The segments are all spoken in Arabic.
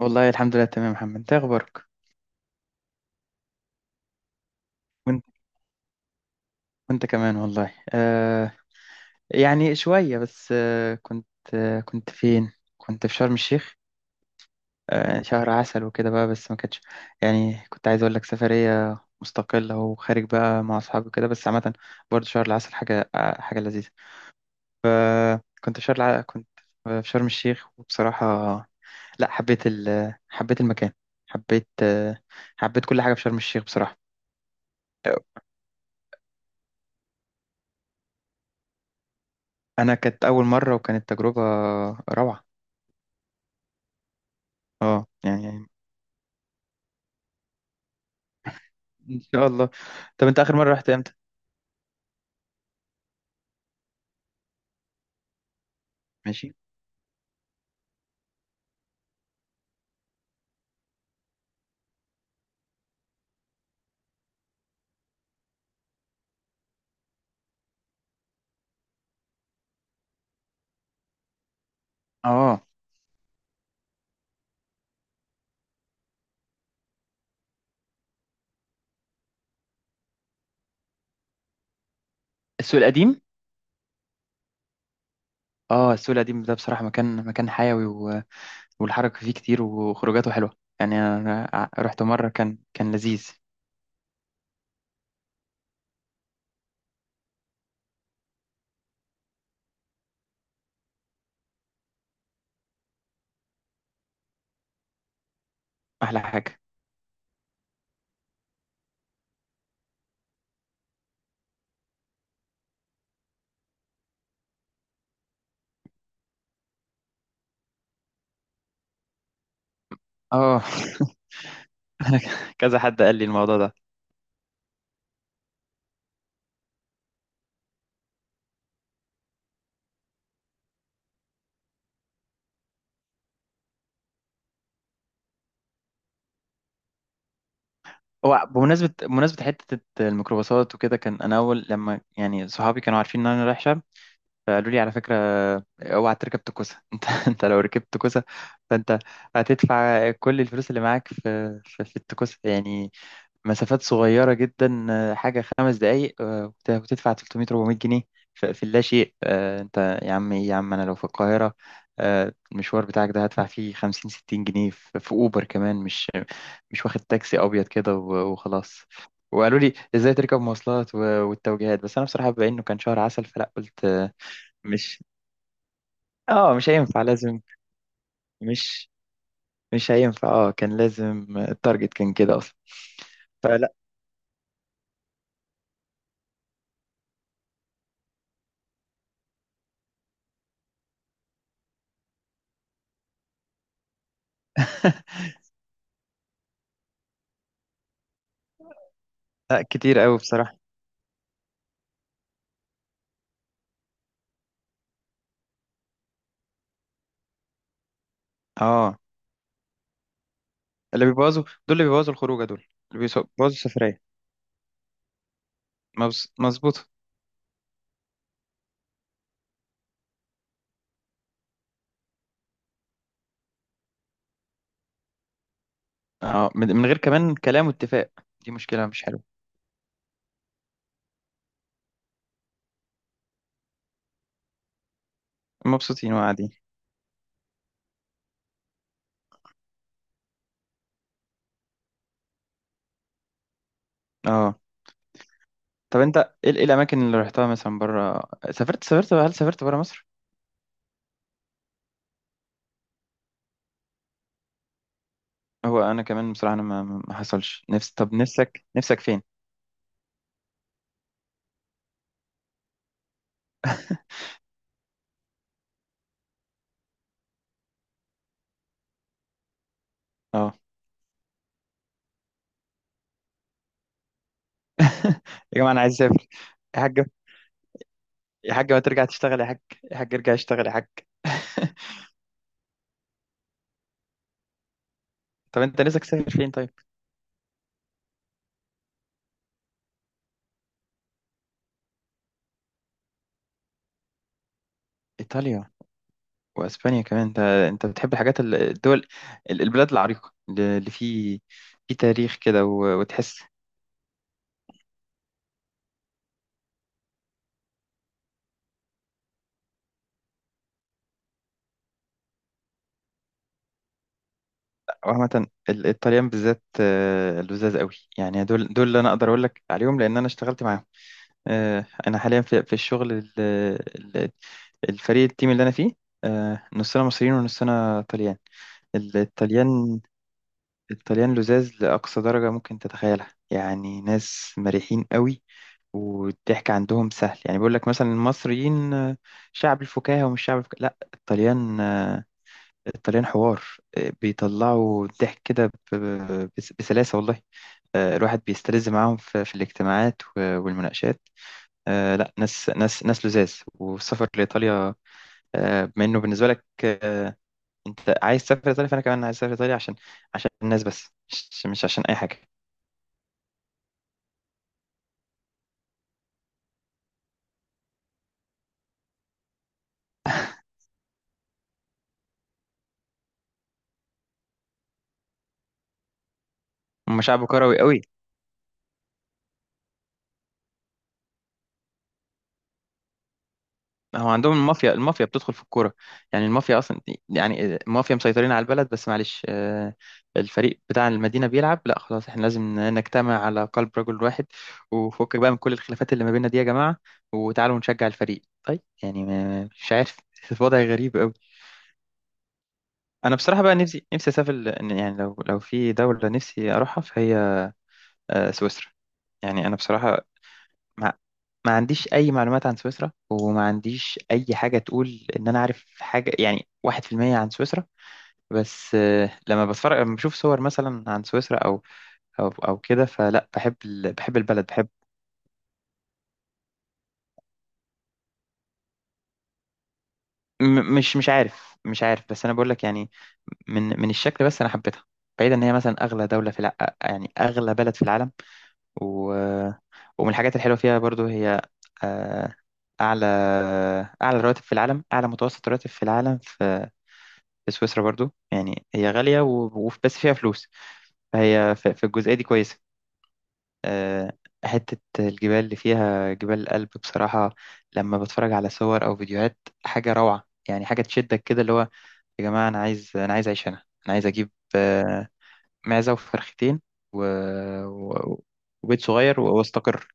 والله الحمد لله تمام يا محمد، انت إيه اخبارك؟ وانت وانت كمان والله. يعني شويه بس. كنت فين؟ كنت في شرم الشيخ. شهر عسل وكده بقى، بس ما كانتش. يعني كنت عايز اقول لك سفريه مستقله وخارج بقى مع اصحابي كده، بس عامه برضه شهر العسل حاجه حاجه لذيذه. كنت في شرم الشيخ وبصراحه، لا، حبيت حبيت المكان. حبيت آه حبيت كل حاجه في شرم الشيخ بصراحه. آه، انا كانت اول مره وكانت تجربه روعه. اه، يعني، ان شاء الله. طب انت اخر مره رحت امتى؟ ماشي. اه، السوق القديم. اه، السوق القديم ده بصراحه، مكان حيوي والحركه فيه كتير وخروجاته حلوه. يعني انا رحت مره، كان لذيذ. احلى حاجه. اه. كذا حد قال لي الموضوع ده. هو بمناسبه، حته الميكروباصات وكده، كان انا اول لما يعني صحابي كانوا عارفين ان انا رايح شرم، فقالوا لي على فكرة، اوعى تركب تكوسة. انت لو ركبت تكوسة، فانت هتدفع كل الفلوس اللي معاك في التكوسة. يعني مسافات صغيرة جدا، حاجة خمس دقايق وتدفع 300 400 جنيه في اللا شيء. انت يا عم، إيه يا عم، انا لو في القاهرة، المشوار بتاعك ده هدفع فيه 50 60 جنيه في اوبر كمان، مش واخد تاكسي ابيض كده وخلاص. وقالوا لي ازاي تركب مواصلات والتوجيهات. بس انا بصراحة بما انه كان شهر عسل، فلا قلت مش اه، مش هينفع، لازم. مش مش هينفع، اه كان لازم، التارجت كان كده اصلا. فلا. لا كتير قوي بصراحة. اه، اللي بيبوظوا دول، اللي بيبوظوا الخروجة دول، بيبوظوا السفرية. مظبوط. اه، من غير كمان كلام واتفاق، دي مشكلة مش حلوة. مبسوطين وقاعدين. اه. طب انت، ايه، ايه الاماكن اللي رحتها مثلا بره؟ سافرت هل سافرت بره مصر؟ هو انا كمان بصراحة، انا ما حصلش. نفس، طب نفسك، نفسك فين؟ اه. يا جماعة انا عايز اسافر. يا حاج، يا حاج ما ترجع تشتغل يا حاج. يا حاج ارجع اشتغل يا حاج. طب انت نفسك تسافر فين طيب؟ ايطاليا واسبانيا كمان. انت بتحب الحاجات الدول، البلاد العريقه، اللي اللي في تاريخ كده وتحس. عامه الطليان بالذات، لذاذ قوي. يعني دول اللي انا اقدر اقول لك عليهم، لان انا اشتغلت معاهم. انا حاليا في الشغل ال- الفريق التيم اللي انا فيه، نصنا مصريين ونصنا طليان. الطليان الطليان لزاز لأقصى درجة ممكن تتخيلها، يعني ناس مريحين قوي، والضحك عندهم سهل. يعني بيقول لك مثلا المصريين، شعب الفكاهة ومش شعب الفكاهة، لا، الطليان، الطليان حوار. بيطلعوا الضحك كده، بسلاسة والله. الواحد بيستلذ معاهم في الاجتماعات والمناقشات. لا، ناس لزاز، والسفر لإيطاليا، بما إنه بالنسبة لك، أنت عايز تسافر إيطاليا، فأنا كمان عايز أسافر إيطاليا عشان، عشان الناس، بس مش عشان أي حاجة. هم شعب كروي قوي. هو عندهم المافيا، المافيا بتدخل في الكوره، يعني المافيا اصلا، يعني المافيا مسيطرين على البلد. بس معلش، الفريق بتاع المدينه بيلعب، لا خلاص، احنا لازم نجتمع على قلب رجل واحد، وفكك بقى من كل الخلافات اللي ما بيننا دي يا جماعه، وتعالوا نشجع الفريق. طيب، يعني مش عارف. وضع غريب قوي. انا بصراحه بقى، نفسي اسافر يعني لو في دوله نفسي اروحها، فهي سويسرا. يعني انا بصراحه، ما ما عنديش اي معلومات عن سويسرا، وما عنديش اي حاجه تقول ان انا عارف حاجه، يعني 1% عن سويسرا. بس لما بتفرج، لما بشوف صور مثلا عن سويسرا، او كده، فلا بحب بحب البلد، بحب. مش عارف، بس انا بقول لك، يعني من الشكل، بس انا حبيتها. بعيدا ان هي مثلا اغلى دوله يعني اغلى بلد في العالم. و... ومن الحاجات الحلوه فيها برضو هي، آه، اعلى، اعلى رواتب في العالم، اعلى متوسط راتب في العالم في سويسرا برضو. يعني هي غالية بس فيها فلوس، فهي في الجزئية دي كويسة. آه، حتة الجبال اللي فيها، جبال الألب، بصراحة لما بتفرج على صور أو فيديوهات، حاجة روعة، يعني حاجة تشدك كده، اللي هو، يا جماعة أنا عايز، أنا عايز أعيش هنا. أنا عايز أجيب معزة وفرختين، و... و... وبيت صغير وأستقر.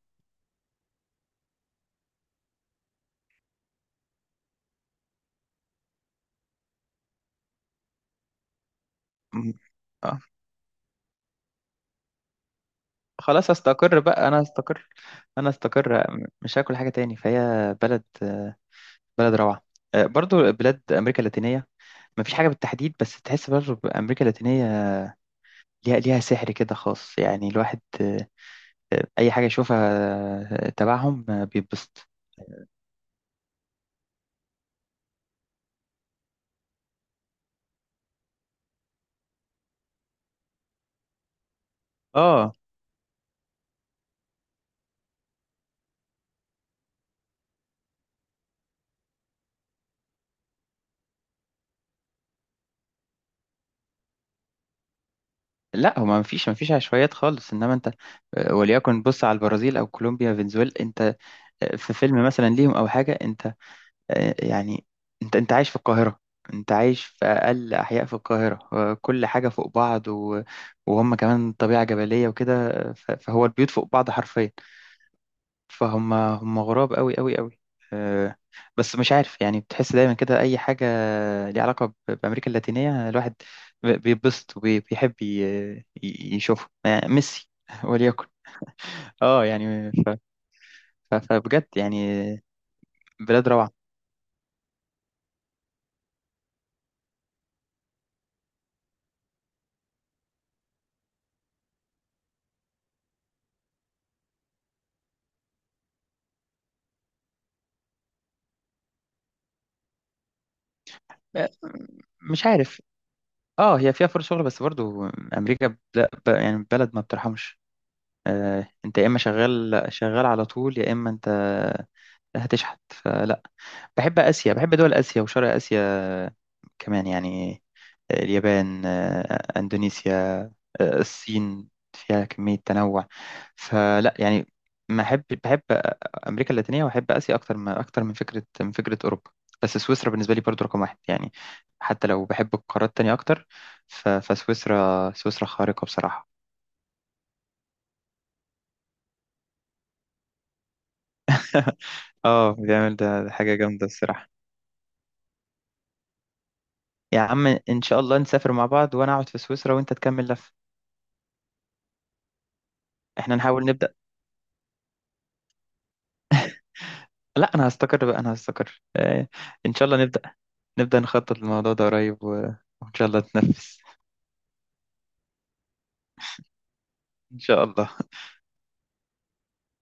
م- آه، خلاص أستقر بقى، أنا أستقر، أنا أستقر مش هاكل حاجة تاني. فهي بلد، بلد روعة. برضو بلاد أمريكا اللاتينية، ما فيش حاجة بالتحديد، بس تحس برضو بأمريكا اللاتينية ليها سحر كده خاص. يعني الواحد، أي حاجة يشوفها تبعهم بيتبسط. آه، لا، هو ما فيش عشوائيات خالص، إنما أنت، وليكن، بص على البرازيل أو كولومبيا، فنزويلا، أنت، في فيلم مثلا ليهم أو حاجة، أنت، يعني انت عايش في القاهرة، انت عايش في اقل احياء في القاهرة، كل حاجة فوق بعض، وهم كمان طبيعة جبلية وكده، فهو البيوت فوق بعض حرفيا، فهم هم غراب قوي قوي قوي. آه، بس مش عارف، يعني بتحس دايما كده، اي حاجة ليها علاقة بأمريكا اللاتينية، الواحد بيتبسط وبيحب، يشوفه ميسي وليكن. اه، يعني، فبجد يعني، بلاد روعة. آه، مش عارف. اه، هي فيها فرص شغل بس برضو، امريكا، ب- لا ب- يعني بلد ما بترحمش. آه انت، يا اما شغال شغال على طول، يا اما انت هتشحت. فلا، بحب آسيا، بحب دول آسيا وشرق آسيا كمان. يعني اليابان، أندونيسيا، الصين، فيها كمية تنوع. فلا يعني ما أحب بحب أمريكا اللاتينية، وأحب آسيا أكتر، ما أكتر من فكرة، أوروبا. بس سويسرا بالنسبة لي برضو رقم واحد، يعني حتى لو بحب القارات التانية أكتر، فسويسرا، سويسرا خارقة بصراحة. اه، بيعمل ده، ده حاجة جامدة الصراحة. يا عم إن شاء الله نسافر مع بعض، وأنا أقعد في سويسرا وأنت تكمل لف. احنا نحاول نبدأ. لا، انا هستقر بقى، انا هستقر ان شاء الله نبدا نخطط للموضوع ده قريب، وان شاء الله تنفذ. ان شاء الله.